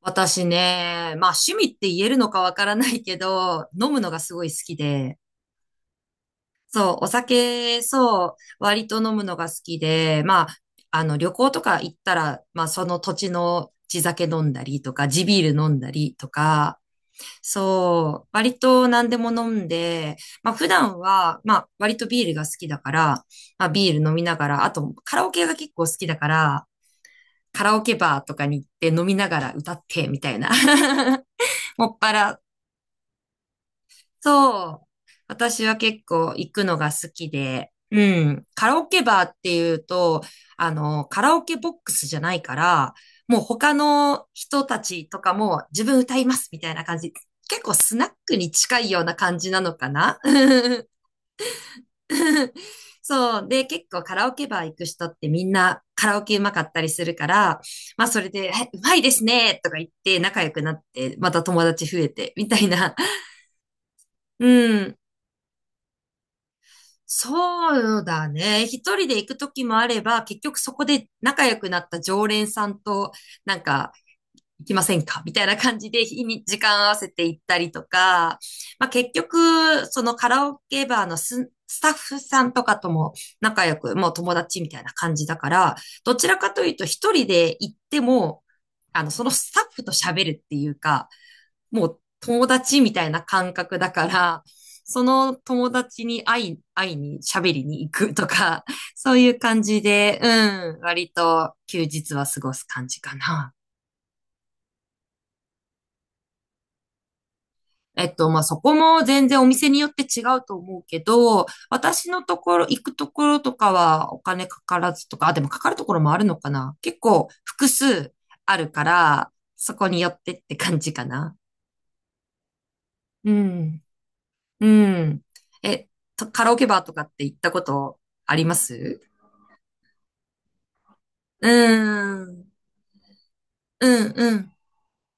私ね、まあ趣味って言えるのかわからないけど、飲むのがすごい好きで、そう、お酒、そう、割と飲むのが好きで、まあ、旅行とか行ったら、まあその土地の地酒飲んだりとか、地ビール飲んだりとか、そう、割と何でも飲んで、まあ普段は、まあ割とビールが好きだから、まあビール飲みながら、あとカラオケが結構好きだから、カラオケバーとかに行って飲みながら歌ってみたいな。もっぱら。そう。私は結構行くのが好きで、うん。カラオケバーっていうと、カラオケボックスじゃないから、もう他の人たちとかも自分歌いますみたいな感じ。結構スナックに近いような感じなのかな。 そう。で、結構カラオケバー行く人ってみんなカラオケうまかったりするから、まあそれで、うまいですねとか言って仲良くなって、また友達増えてみたいな。うん。そうだね。一人で行く時もあれば、結局そこで仲良くなった常連さんと、なんか、行きませんかみたいな感じで、時間合わせて行ったりとか、まあ、結局、そのカラオケバーのスタッフさんとかとも仲良く、もう友達みたいな感じだから、どちらかというと一人で行っても、そのスタッフと喋るっていうか、もう友達みたいな感覚だから、その友達に会いに喋りに行くとか、そういう感じで、うん、割と休日は過ごす感じかな。えっと、まあ、そこも全然お店によって違うと思うけど、私のところ、行くところとかはお金かからずとか、あ、でもかかるところもあるのかな。結構複数あるから、そこによってって感じかな。うん。うん。え、とカラオケバーとかって行ったことありますうーん。うん、うん、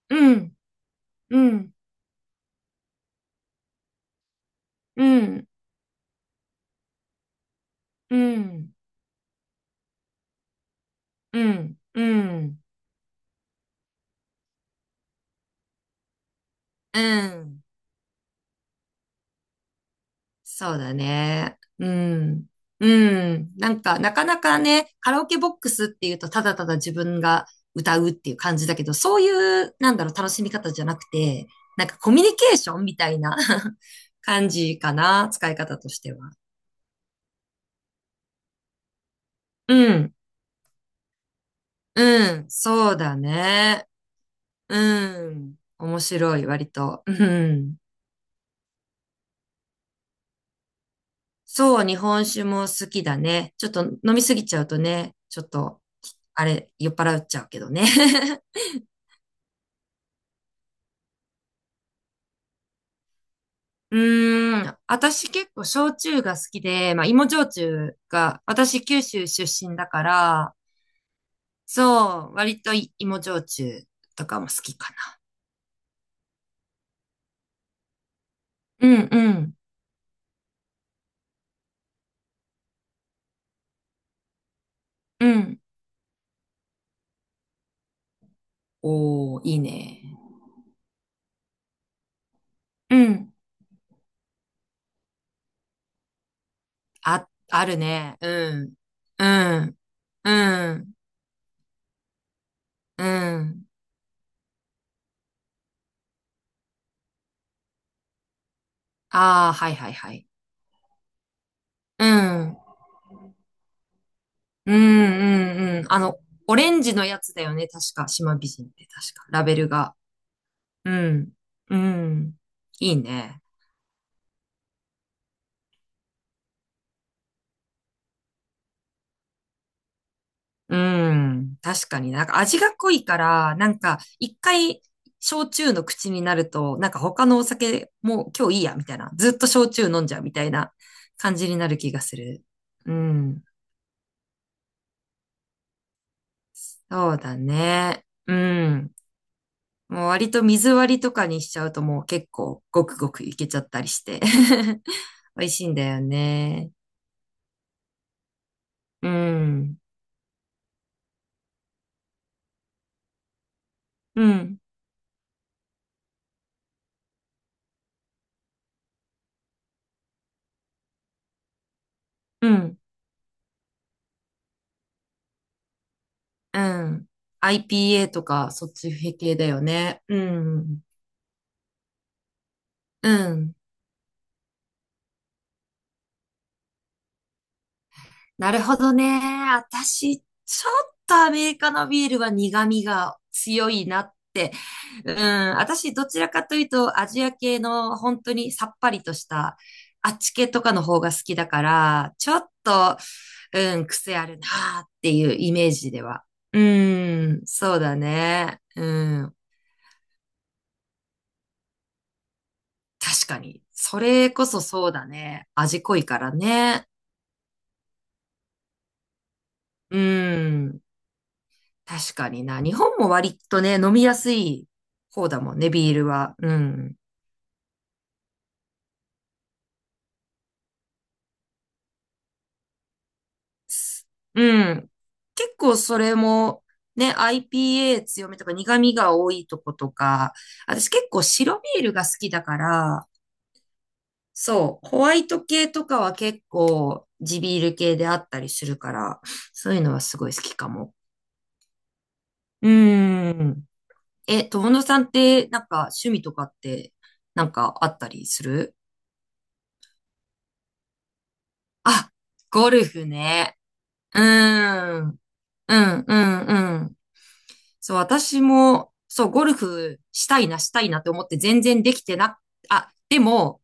うん、うん、うん、うん、うん、うん、うん。そうだね。うん。うん。なんか、なかなかね、カラオケボックスっていうと、ただただ自分が歌うっていう感じだけど、そういう、なんだろう、楽しみ方じゃなくて、なんかコミュニケーションみたいな。 感じかな、使い方としては。うん。うん、そうだね。うん、面白い、割と。うん。そう、日本酒も好きだね。ちょっと飲みすぎちゃうとね、ちょっと、あれ、酔っ払っちゃうけどね。うーん、私結構焼酎が好きで、まあ芋焼酎が、私九州出身だから、そう、割と芋焼酎とかも好きかな。うんうん、うん。おー、いいね。うん。あ、あるね。うん。うん。うん、うん。ああ、はいはいはい。うん、うん、うん、うん。オレンジのやつだよね、確か。島美人って確か。ラベルが。うん、うん。いいね。うん。確かになんか味が濃いから、なんか一回焼酎の口になると、なんか他のお酒もう今日いいや、みたいな。ずっと焼酎飲んじゃうみたいな感じになる気がする。うん。そうだね。うん。もう割と水割りとかにしちゃうともう結構ごくごくいけちゃったりして。美味しいんだよね。うん。うん。うん。うん。IPA とかそっち系だよね。うん。うん。なるほどね。私、ちょっとアメリカのビールは苦味が強いなって。うん、私、どちらかというと、アジア系の本当にさっぱりとした、あっち系とかの方が好きだから、ちょっと、うん、癖あるなーっていうイメージでは。うん、そうだね。うん、確かに。それこそそうだね。味濃いからね。うん。確かにな。日本も割とね、飲みやすい方だもんね、ビールは。うん。すうん。結構それも、ね、IPA 強めとか苦味が多いとことか、私結構白ビールが好きだから、そう、ホワイト系とかは結構地ビール系であったりするから、そういうのはすごい好きかも。うーん。え、友野さんって、なんか趣味とかって、なんかあったりするあ、ゴルフね。うーん。うん、うん、うん。そう、私も、そう、ゴルフしたいな、したいなって思って全然できてな、あ、でも、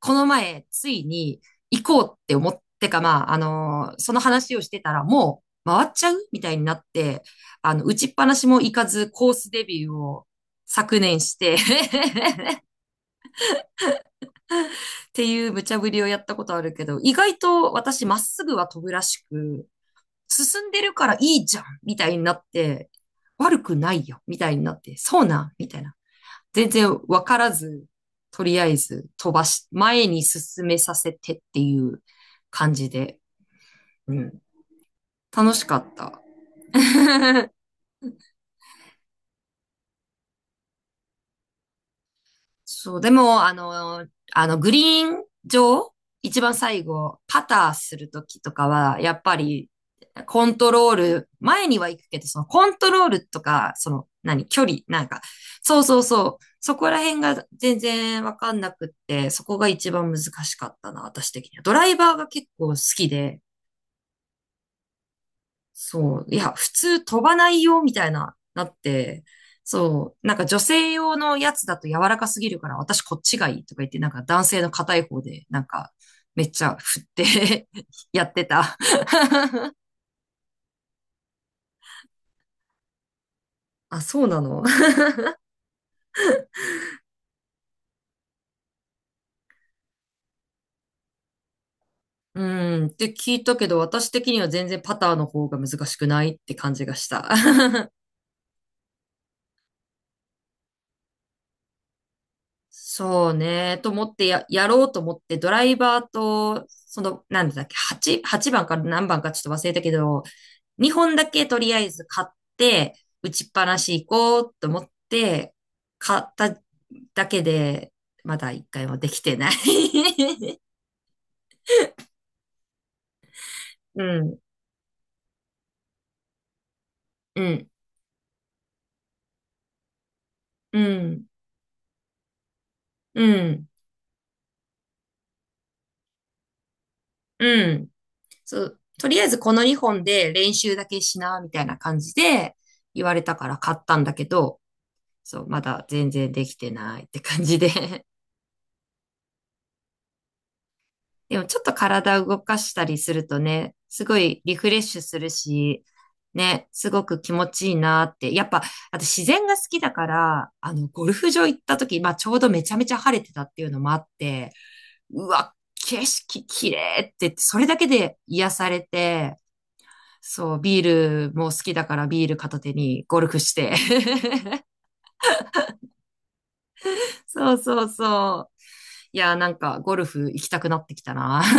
この前、ついに行こうって思ってか、まあ、その話をしてたら、もう回っちゃうみたいになって、あの、打ちっぱなしも行かず、コースデビューを昨年して っていう無茶ぶりをやったことあるけど、意外と私、まっすぐは飛ぶらしく、進んでるからいいじゃんみたいになって、悪くないよみたいになって、そうなみたいな。全然わからず、とりあえず飛ばし、前に進めさせてっていう感じで、うん。楽しかった。そう、でも、あの、あの、グリーン上、一番最後、パターするときとかは、やっぱり、コントロール、前には行くけど、そのコントロールとか、その、何、距離、なんか、そうそうそう、そこら辺が全然わかんなくって、そこが一番難しかったな、私的には。ドライバーが結構好きで、そう。いや、普通飛ばないよ、みたいな、なって、そう。なんか女性用のやつだと柔らかすぎるから、私こっちがいいとか言って、なんか男性の硬い方で、なんか、めっちゃ振って やってた。あ、そうなの。 うーん、って聞いたけど、私的には全然パターの方が難しくないって感じがした。そうね、と思ってや、やろうと思って、ドライバーと、その、なんだっけ、8番か何番かちょっと忘れたけど、2本だけとりあえず買って、打ちっぱなし行こうと思って、買っただけで、まだ1回もできてない。 うん、うん、うん、うん、うん。そう、とりあえずこの2本で練習だけしな、みたいな感じで言われたから買ったんだけど、そう、まだ全然できてないって感じで。でもちょっと体動かしたりするとね、すごいリフレッシュするし、ね、すごく気持ちいいなって。やっぱ、あと自然が好きだから、あの、ゴルフ場行った時、まあちょうどめちゃめちゃ晴れてたっていうのもあって、うわ、景色綺麗って、それだけで癒されて、そう、ビールも好きだからビール片手にゴルフして。そうそうそう。いやー、なんかゴルフ行きたくなってきたな。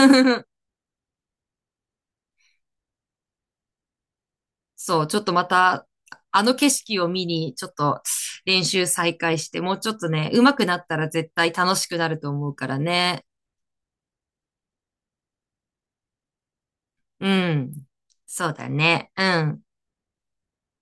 そう、ちょっとまた、あの景色を見に、ちょっと練習再開して、もうちょっとね、上手くなったら絶対楽しくなると思うからね。うん。そうだね。うん。